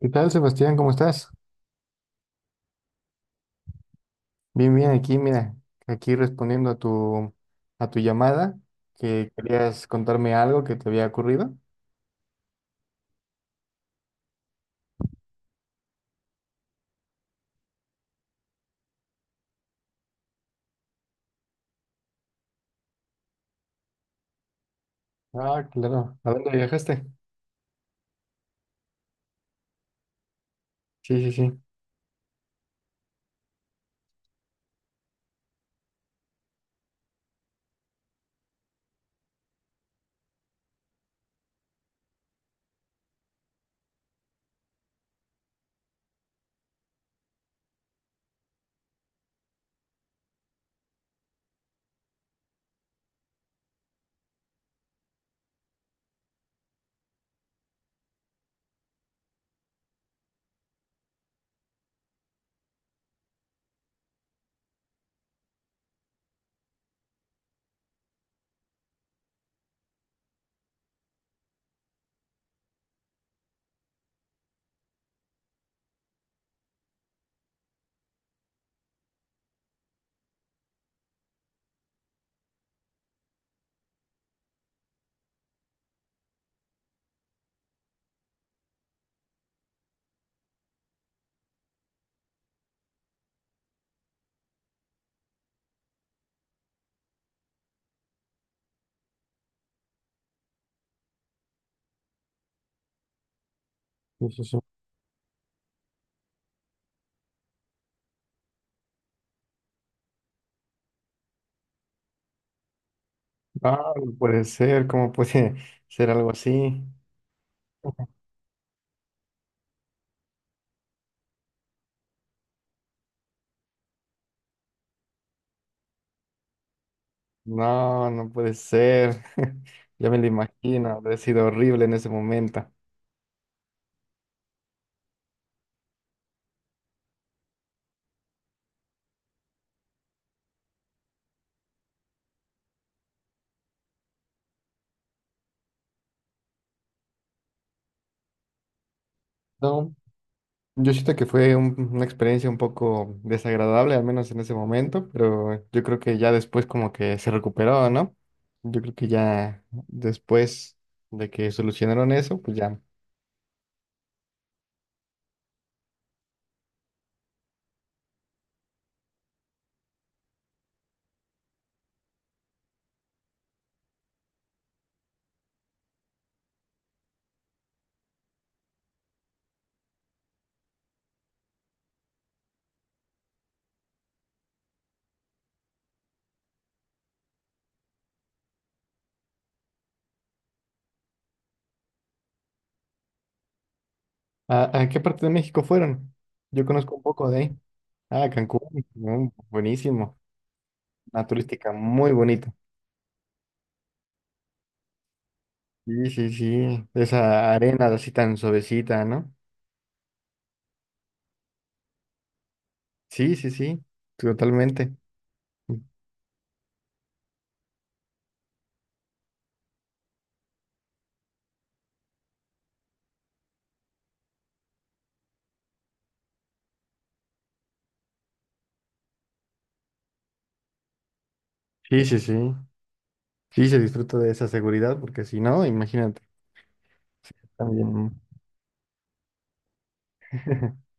¿Qué tal, Sebastián? ¿Cómo estás? Bien, bien, aquí, mira, aquí respondiendo a a tu llamada, que querías contarme algo que te había ocurrido. Ah, claro. ¿A dónde viajaste? Sí, sí, sí. Sí, sí, sí. Ah, no puede ser, ¿cómo puede ser algo así? No, no puede ser. Ya me lo imagino, ha sido horrible en ese momento. No, yo siento que fue una experiencia un poco desagradable, al menos en ese momento, pero yo creo que ya después como que se recuperó, ¿no? Yo creo que ya después de que solucionaron eso, pues ya. A qué parte de México fueron? Yo conozco un poco de ahí. Ah, Cancún, buenísimo. Una turística muy bonita. Sí, sí, sí. Esa arena así tan suavecita, ¿no? Sí, sí, sí, totalmente. Sí, sí, sí. Sí, se disfruta de esa seguridad, porque si no, imagínate. También.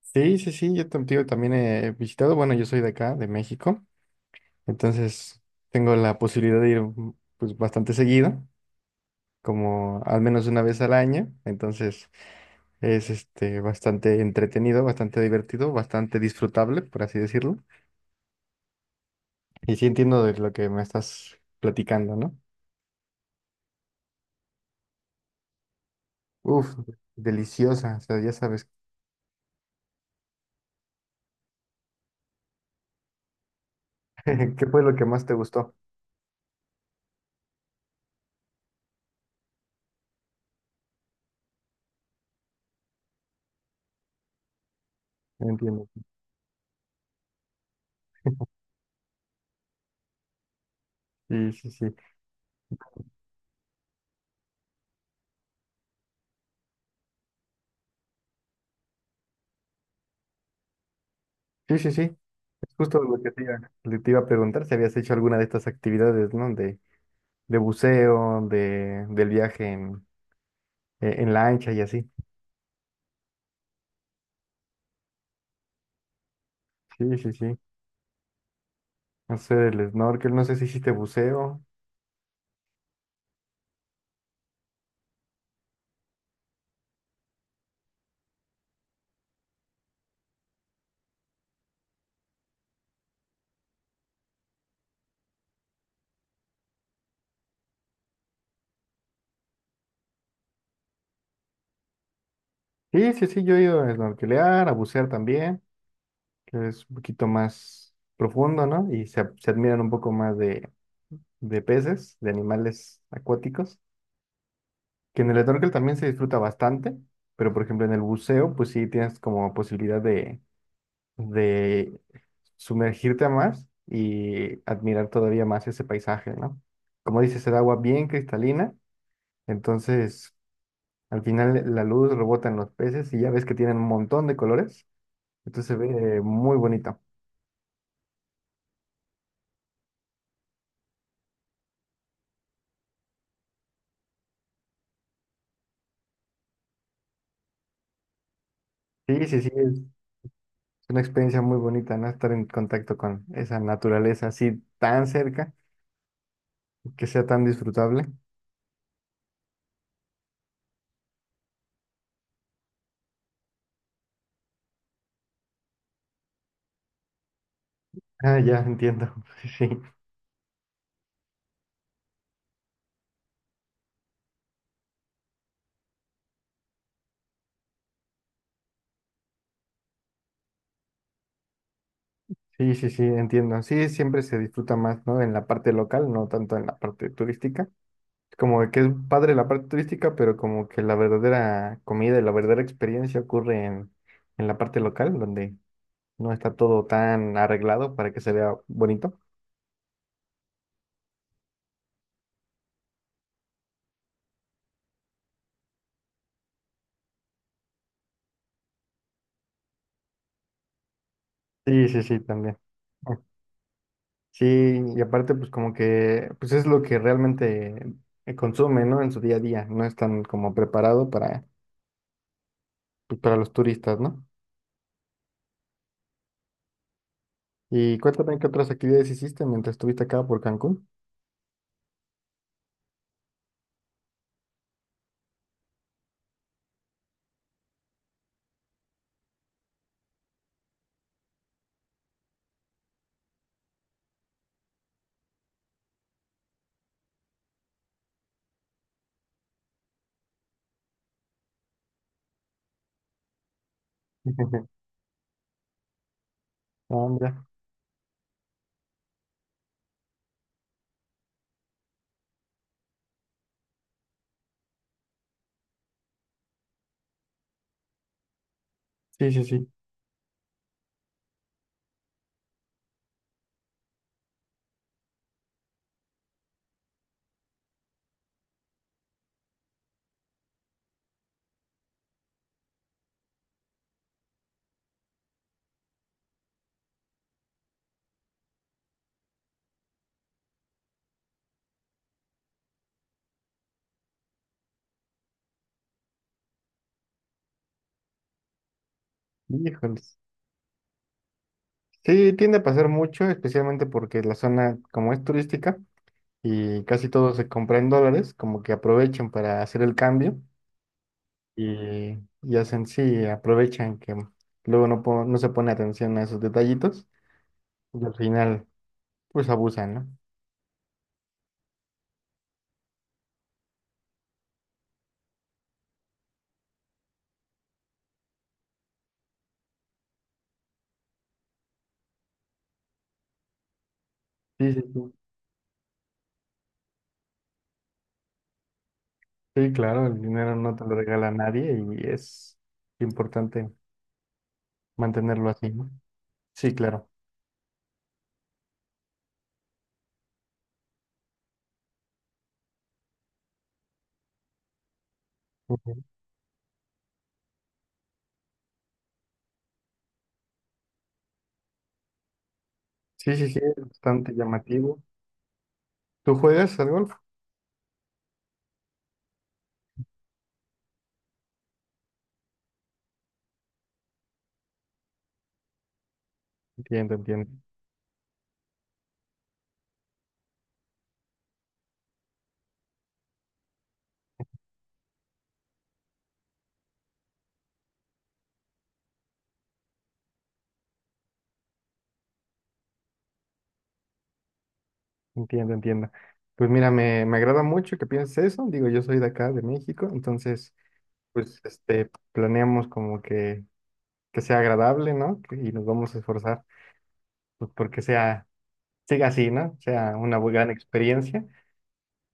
Sí, sí, sí, yo tío, también he visitado, bueno, yo soy de acá, de México, entonces tengo la posibilidad de ir pues bastante seguido, como al menos una vez al año, entonces es este bastante entretenido, bastante divertido, bastante disfrutable, por así decirlo. Y sí entiendo de lo que me estás platicando, ¿no? Uf, deliciosa, o sea, ya sabes. ¿Qué fue lo que más te gustó? Entiendo. Sí, sí, sí. Sí, sí, sí. Es justo lo que te iba, te iba a preguntar, si habías hecho alguna de estas actividades, ¿no? De buceo, de, del viaje en lancha y así. Sí, sí, sí. Hacer el snorkel, no sé si hiciste buceo. Sí, sí, sí, yo he ido a snorkelear, a bucear también, que es un poquito más profundo, ¿no? Y se admiran un poco más de peces, de animales acuáticos, que en el snorkel también se disfruta bastante, pero por ejemplo en el buceo, pues sí tienes como posibilidad de sumergirte a más y admirar todavía más ese paisaje, ¿no? Como dices, el agua bien cristalina, entonces al final la luz rebota en los peces y ya ves que tienen un montón de colores, entonces se ve muy bonito. Sí, sí, sí, es una experiencia muy bonita, ¿no? Estar en contacto con esa naturaleza así tan cerca, que sea tan disfrutable. Ah, ya entiendo. Sí, sí, sí, sí, entiendo. Sí, siempre se disfruta más, ¿no? En la parte local, no tanto en la parte turística. Como que es padre la parte turística, pero como que la verdadera comida y la verdadera experiencia ocurre en la parte local, donde no está todo tan arreglado para que se vea bonito. Sí, sí, sí, también. Ah, sí, y aparte pues como que pues es lo que realmente consume, ¿no? En su día a día, no es tan como preparado para, pues, para los turistas, ¿no? Y cuéntame qué otras actividades hiciste mientras estuviste acá por Cancún. Ah, mira. Sí, sí, sí. Híjole. Sí, tiende a pasar mucho, especialmente porque la zona como es turística y casi todo se compra en dólares, como que aprovechan para hacer el cambio y, y hacen, sí, aprovechan que luego no, no se pone atención a esos detallitos y al final pues abusan, ¿no? Sí, sí, sí. Sí, claro, el dinero no te lo regala nadie y es importante mantenerlo así, ¿no? Sí, claro. Ujú. Sí, sí, sí, es bastante llamativo. ¿Tú juegas al golf? Entiendo, entiendo. Entiendo, entiendo. Pues mira, me agrada mucho que pienses eso. Digo, yo soy de acá, de México, entonces, pues, este, planeamos como que sea agradable, ¿no? Que- Y nos vamos a esforzar, pues, porque sea, siga así, ¿no? Sea una gran experiencia.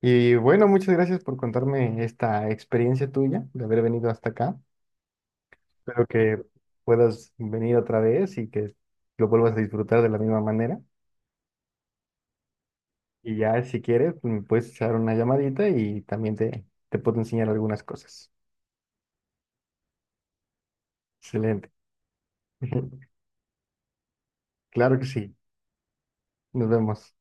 Y bueno, muchas gracias por contarme esta experiencia tuya de haber venido hasta acá. Espero que puedas venir otra vez y que lo vuelvas a disfrutar de la misma manera. Y ya, si quieres, pues, me puedes echar una llamadita y también te puedo enseñar algunas cosas. Excelente. Claro que sí. Nos vemos.